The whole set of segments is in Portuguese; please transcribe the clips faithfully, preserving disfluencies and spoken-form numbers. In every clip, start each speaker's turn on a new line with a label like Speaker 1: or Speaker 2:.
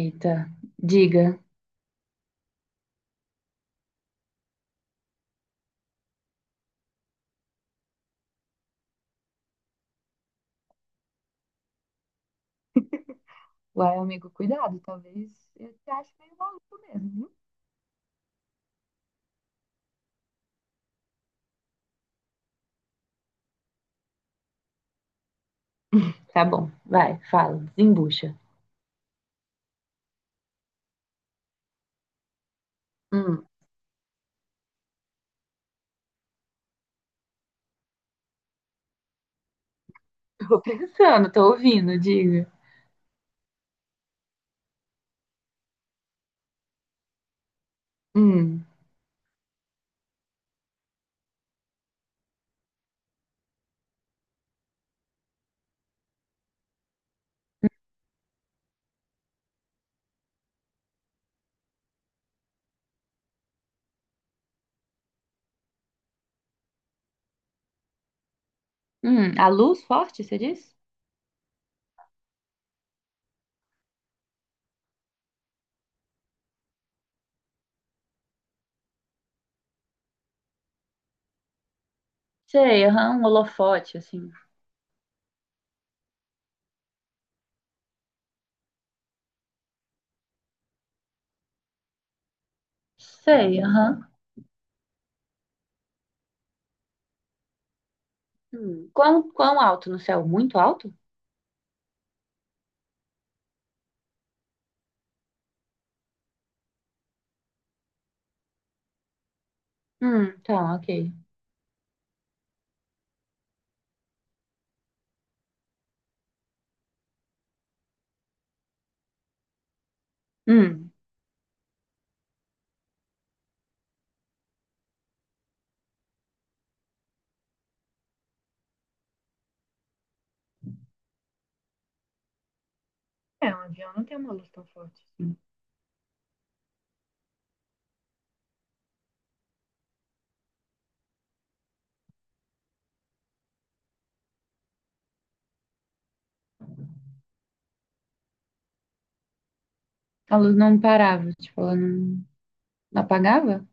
Speaker 1: Eita, diga. Uai, amigo, cuidado, talvez eu te ache meio maluco mesmo. Tá bom, vai, fala, desembucha. Hum, Tô pensando, tô ouvindo, diga. Hum. Hum, a luz forte, você disse? Sei, aham, um holofote, assim. Sei, aham. Hum. Quão, quão alto no céu? Muito alto? Hum, tá, ok. Hum. É, um avião não tem uma luz tão forte assim. A luz não parava, tipo, ela não, não apagava?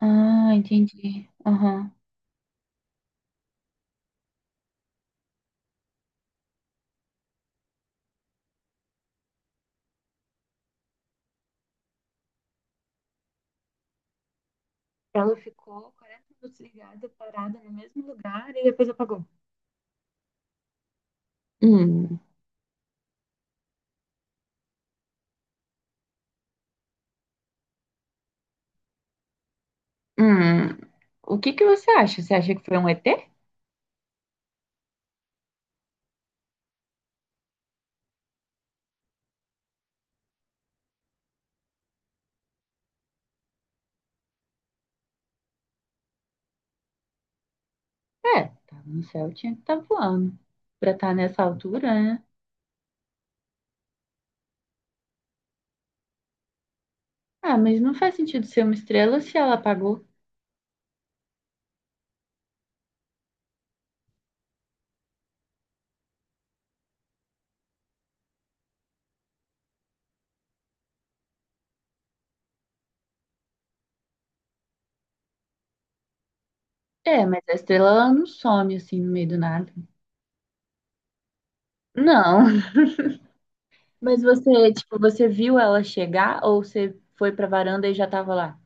Speaker 1: Ah, entendi. Aham. Ela ficou quarenta minutos ligada, parada no mesmo lugar e depois apagou. Hum. Hum. O que que você acha? Você acha que foi um E T? É, tava no céu, tinha que estar voando. Pra estar nessa altura, né? Ah, mas não faz sentido ser uma estrela se ela apagou. É, mas a estrela ela não some assim no meio do nada. Não. Mas você, tipo, você viu ela chegar ou você foi pra varanda e já tava lá?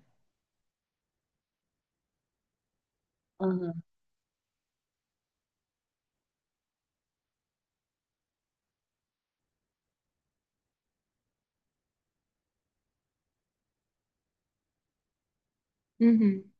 Speaker 1: Aham. Uhum.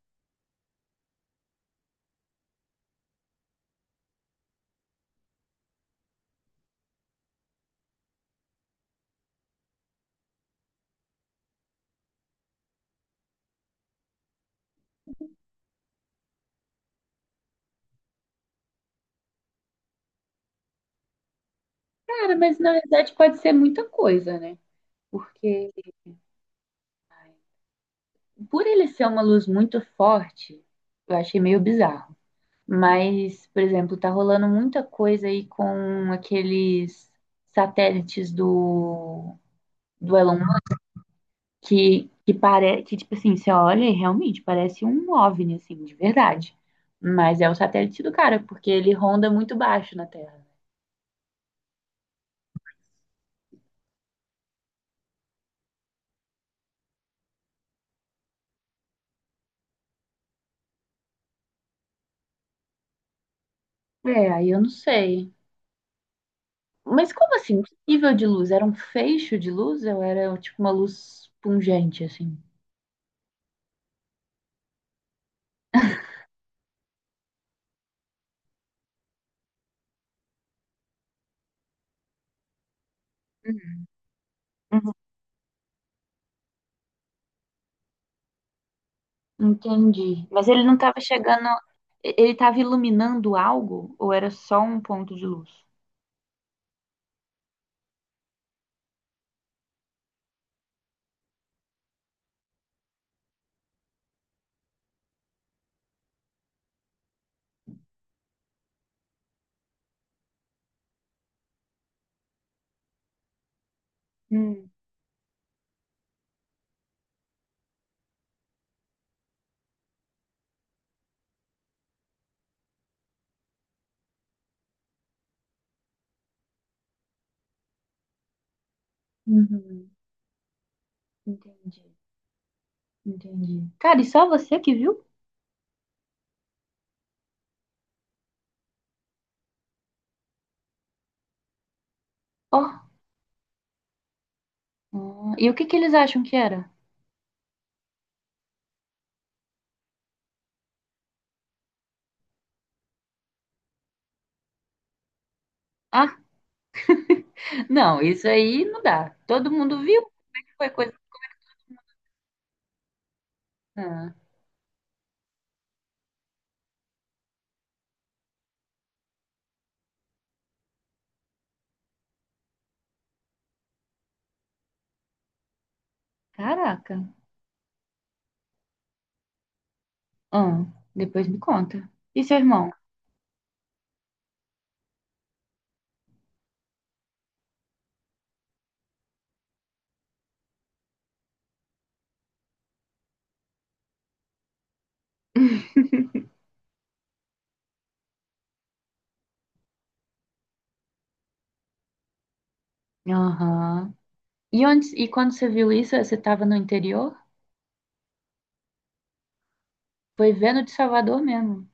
Speaker 1: Cara, mas na verdade pode ser muita coisa, né? Porque. Por ele ser uma luz muito forte, eu achei meio bizarro. Mas, por exemplo, tá rolando muita coisa aí com aqueles satélites do, do Elon Musk que, que parece que, tipo assim, você olha e realmente parece um OVNI, assim, de verdade. Mas é o satélite do cara, porque ele ronda muito baixo na Terra. É, aí eu não sei. Mas como assim? Que nível de luz? Era um feixe de luz ou era tipo uma luz pungente, assim? Uhum. Entendi. Mas ele não estava chegando, e- ele estava iluminando algo ou era só um ponto de luz? Hum. Uhum. Entendi, entendi. Cara, e só você que viu? Ó. Ah, e o que que eles acham que era? Ah, não, isso aí não dá. Todo mundo viu? Foi coisa. Ah, caraca. Ah, depois me conta. E seu irmão? Aham. E onde, e quando você viu isso, você estava no interior? Foi vendo de Salvador mesmo.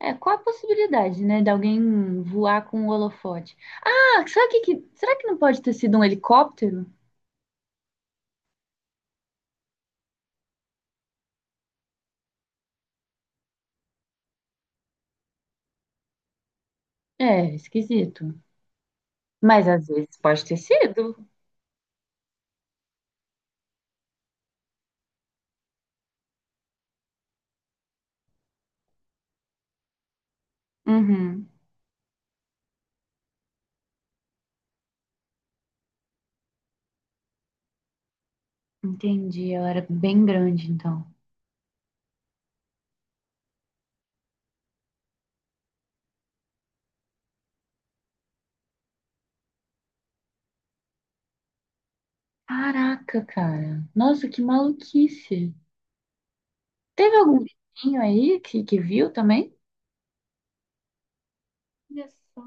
Speaker 1: É, qual a possibilidade, né, de alguém voar com um holofote? Ah, será que, que- será que não pode ter sido um helicóptero? É, esquisito. Mas às vezes pode ter sido. Uhum, entendi. Ela era bem grande, então. Caraca, cara. Nossa, que maluquice. Teve algum vizinho aí que, que viu também? Olha só.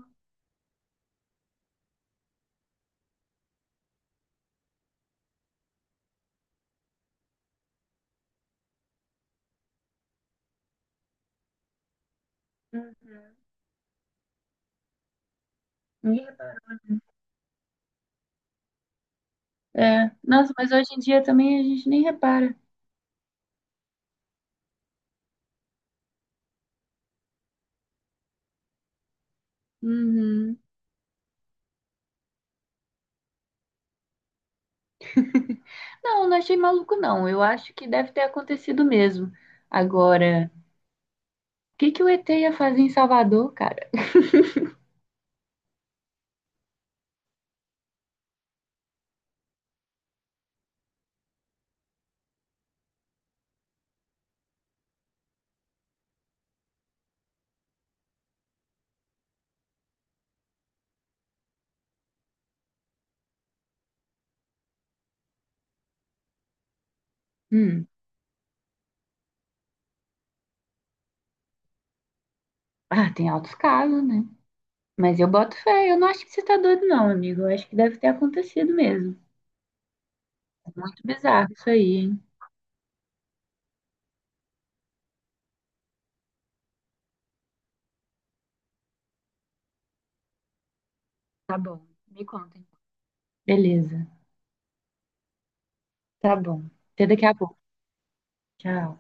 Speaker 1: Hum, ninguém reparou. É, nossa, mas hoje em dia também a gente nem repara. Uhum. Não, não achei maluco, não. Eu acho que deve ter acontecido mesmo. Agora. que, que o E T ia fazer em Salvador, cara? Hum, ah, tem altos casos, né? Mas eu boto fé, eu não acho que você tá doido, não, amigo. Eu acho que deve ter acontecido mesmo. É muito bizarro isso aí, hein? Tá bom, me contem. Beleza, tá bom. Até daqui a pouco. Tchau.